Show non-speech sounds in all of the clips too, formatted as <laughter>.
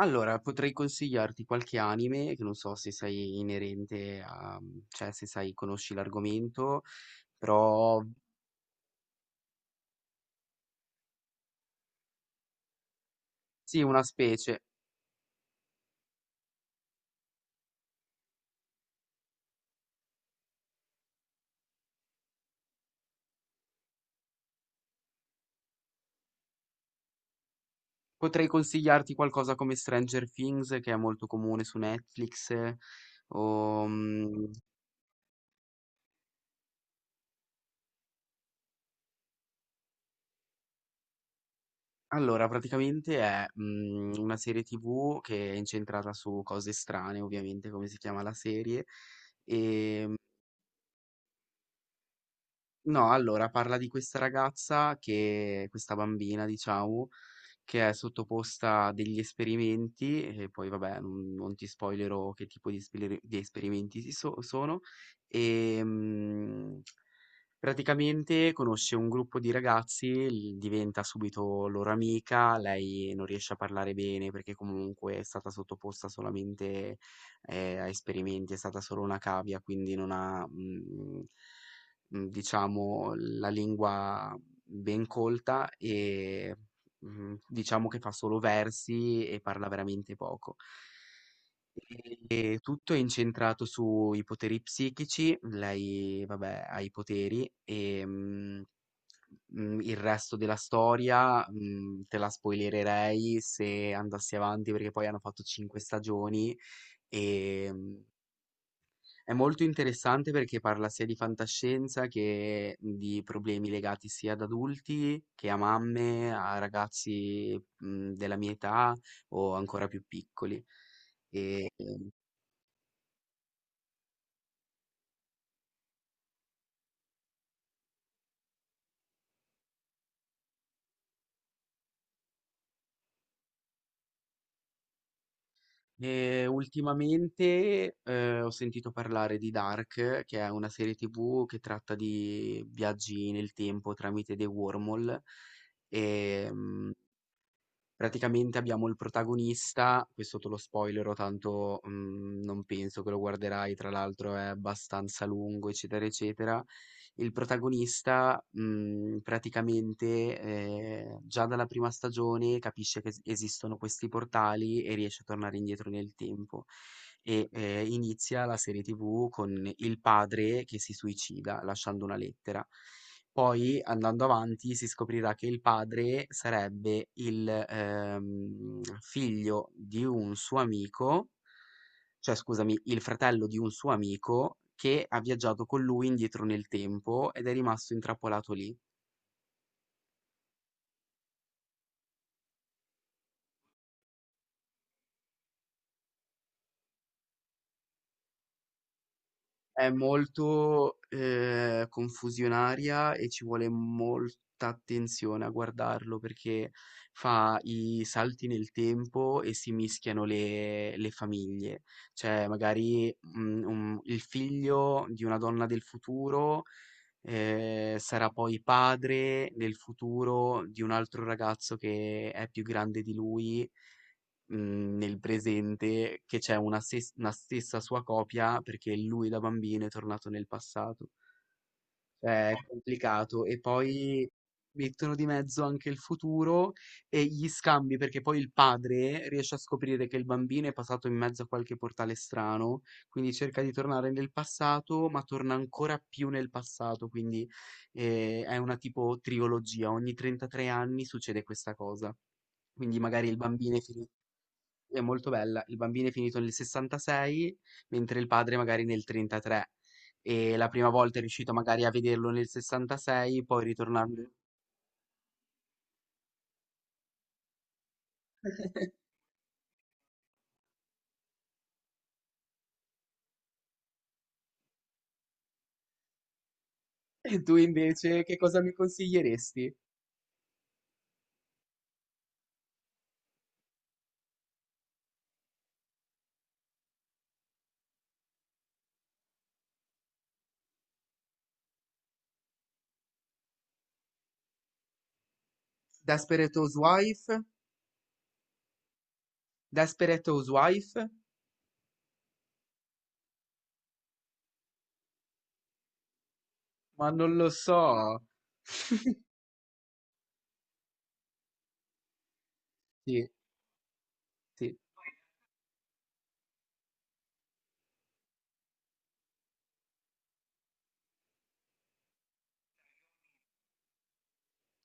Allora, potrei consigliarti qualche anime, che non so se sei inerente a, cioè se sai, conosci l'argomento, però sì, una specie. Potrei consigliarti qualcosa come Stranger Things, che è molto comune su Netflix. O, mm, allora, praticamente è una serie TV che è incentrata su cose strane, ovviamente, come si chiama la serie. ehm, No, allora parla di questa ragazza, che questa bambina, diciamo, che è sottoposta a degli esperimenti, e poi vabbè non ti spoilerò che tipo di, di esperimenti sono. E praticamente conosce un gruppo di ragazzi, diventa subito loro amica, lei non riesce a parlare bene perché comunque è stata sottoposta solamente a esperimenti, è stata solo una cavia, quindi non ha... mm, mhmm, diciamo la lingua ben colta e, diciamo che fa solo versi e parla veramente poco. E tutto è incentrato sui poteri psichici, lei vabbè ha i poteri, il resto della storia, te la spoilererei se andassi avanti perché poi hanno fatto 5 stagioni, ehm è molto interessante perché parla sia di fantascienza che di problemi legati sia ad adulti che a mamme, a ragazzi della mia età o ancora più piccoli. E, e ultimamente ho sentito parlare di Dark, che è una serie TV che tratta di viaggi nel tempo tramite dei wormhole. E, mhmm, Praticamente abbiamo il protagonista, questo te lo spoilero, tanto non penso che lo guarderai, tra l'altro è abbastanza lungo, eccetera, eccetera. Il protagonista praticamente già dalla prima stagione capisce che esistono questi portali e riesce a tornare indietro nel tempo e, inizia la serie TV con il padre che si suicida lasciando una lettera. Poi andando avanti si scoprirà che il padre sarebbe il, figlio di un suo amico, cioè scusami, il fratello di un suo amico che ha viaggiato con lui indietro nel tempo ed è rimasto intrappolato lì. È molto, confusionaria, e ci vuole molta attenzione a guardarlo perché fa i salti nel tempo e si mischiano le famiglie. Cioè magari, un il figlio di una donna del futuro sarà poi padre nel futuro di un altro ragazzo che è più grande di lui, nel presente, che c'è una, una stessa sua copia perché lui da bambino è tornato nel passato. Cioè, è complicato. E poi mettono di mezzo anche il futuro e gli scambi, perché poi il padre riesce a scoprire che il bambino è passato in mezzo a qualche portale strano, quindi cerca di tornare nel passato, ma torna ancora più nel passato, quindi è una tipo trilogia. Ogni 33 anni succede questa cosa. Quindi magari il bambino è finito, è molto bella. Il bambino è finito nel 66, mentre il padre magari nel 33. E la prima volta è riuscito magari a vederlo nel 66, poi ritornando. E tu invece che cosa mi consiglieresti? Desperate Housewife? Desperate Housewife? Ma non lo so. <laughs> Sì, sì.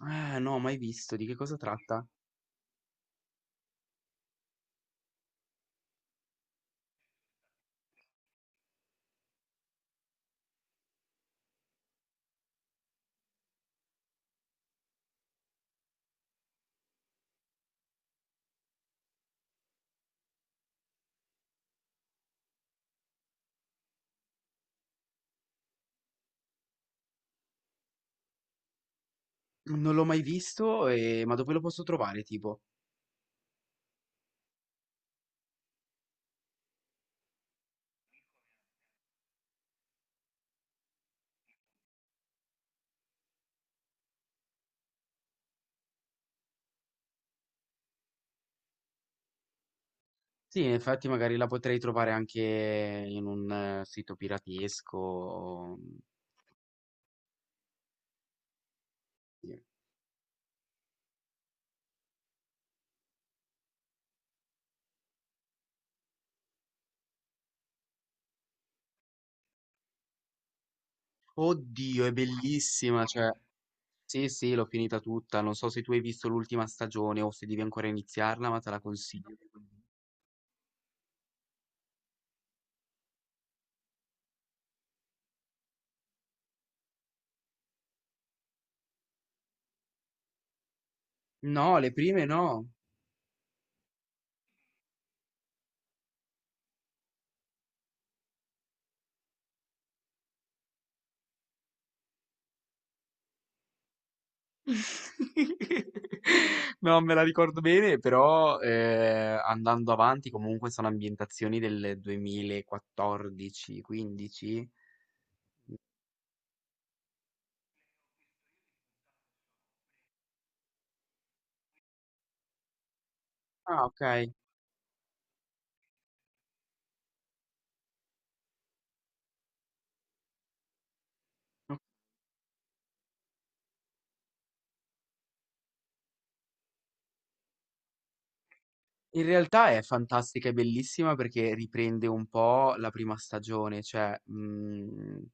Ah, no, mai visto. Di che cosa tratta? Non l'ho mai visto, ma dove lo posso trovare, tipo? Sì, e infatti magari la potrei trovare anche in un sito piratesco. Sì. Oddio, è bellissima, cioè, sì, sì, l'ho finita tutta. Non so se tu hai visto l'ultima stagione o se devi ancora iniziarla, ma te la consiglio. No, le prime no. <laughs> Non me la ricordo bene, però andando avanti comunque sono ambientazioni del 2014-15. Ah, ok. In realtà è fantastica e bellissima perché riprende un po' la prima stagione, cioè,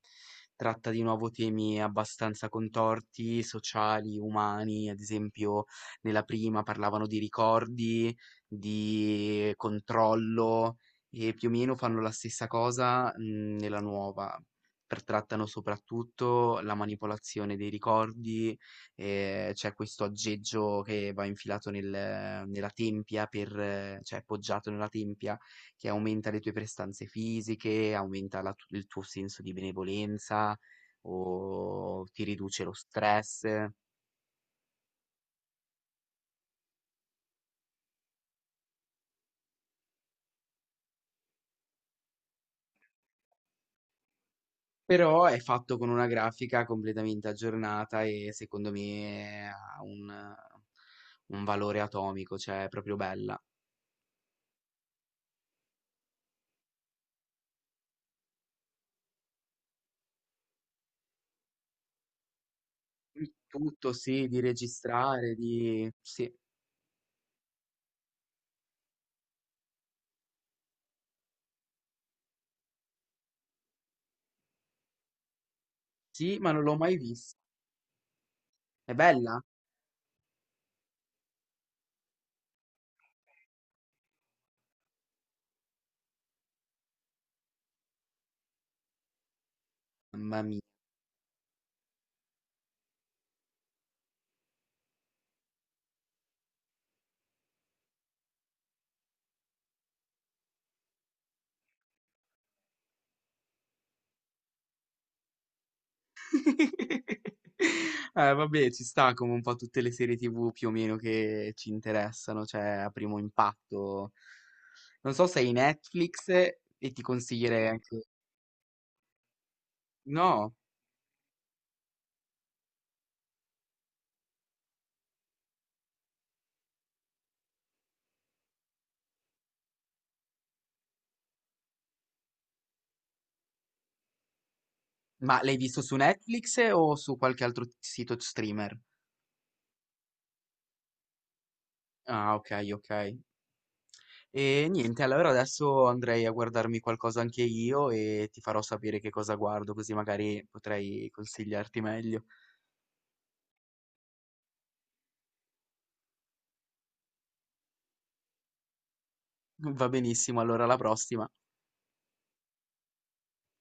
tratta di nuovo temi abbastanza contorti, sociali, umani. Ad esempio, nella prima parlavano di ricordi, di controllo, e più o meno fanno la stessa cosa, nella nuova. Per trattano soprattutto la manipolazione dei ricordi, c'è questo aggeggio che va infilato nella tempia, per, cioè appoggiato nella tempia, che aumenta le tue prestanze fisiche, aumenta il tuo senso di benevolenza o ti riduce lo stress. Però è fatto con una grafica completamente aggiornata e secondo me ha un valore atomico, cioè è proprio bella. Il tutto, sì, di registrare, di... Sì, sì, ma non l'ho mai vista. È bella? Mamma mia. <laughs> Vabbè, ci sta, come un po' tutte le serie TV più o meno che ci interessano, cioè a primo impatto. Non so se hai Netflix, e ti consiglierei anche... No, ma l'hai visto su Netflix o su qualche altro sito streamer? Ah, ok, ok. E niente, allora adesso andrei a guardarmi qualcosa anche io e ti farò sapere che cosa guardo, così magari potrei consigliarti meglio. Va benissimo, allora alla prossima.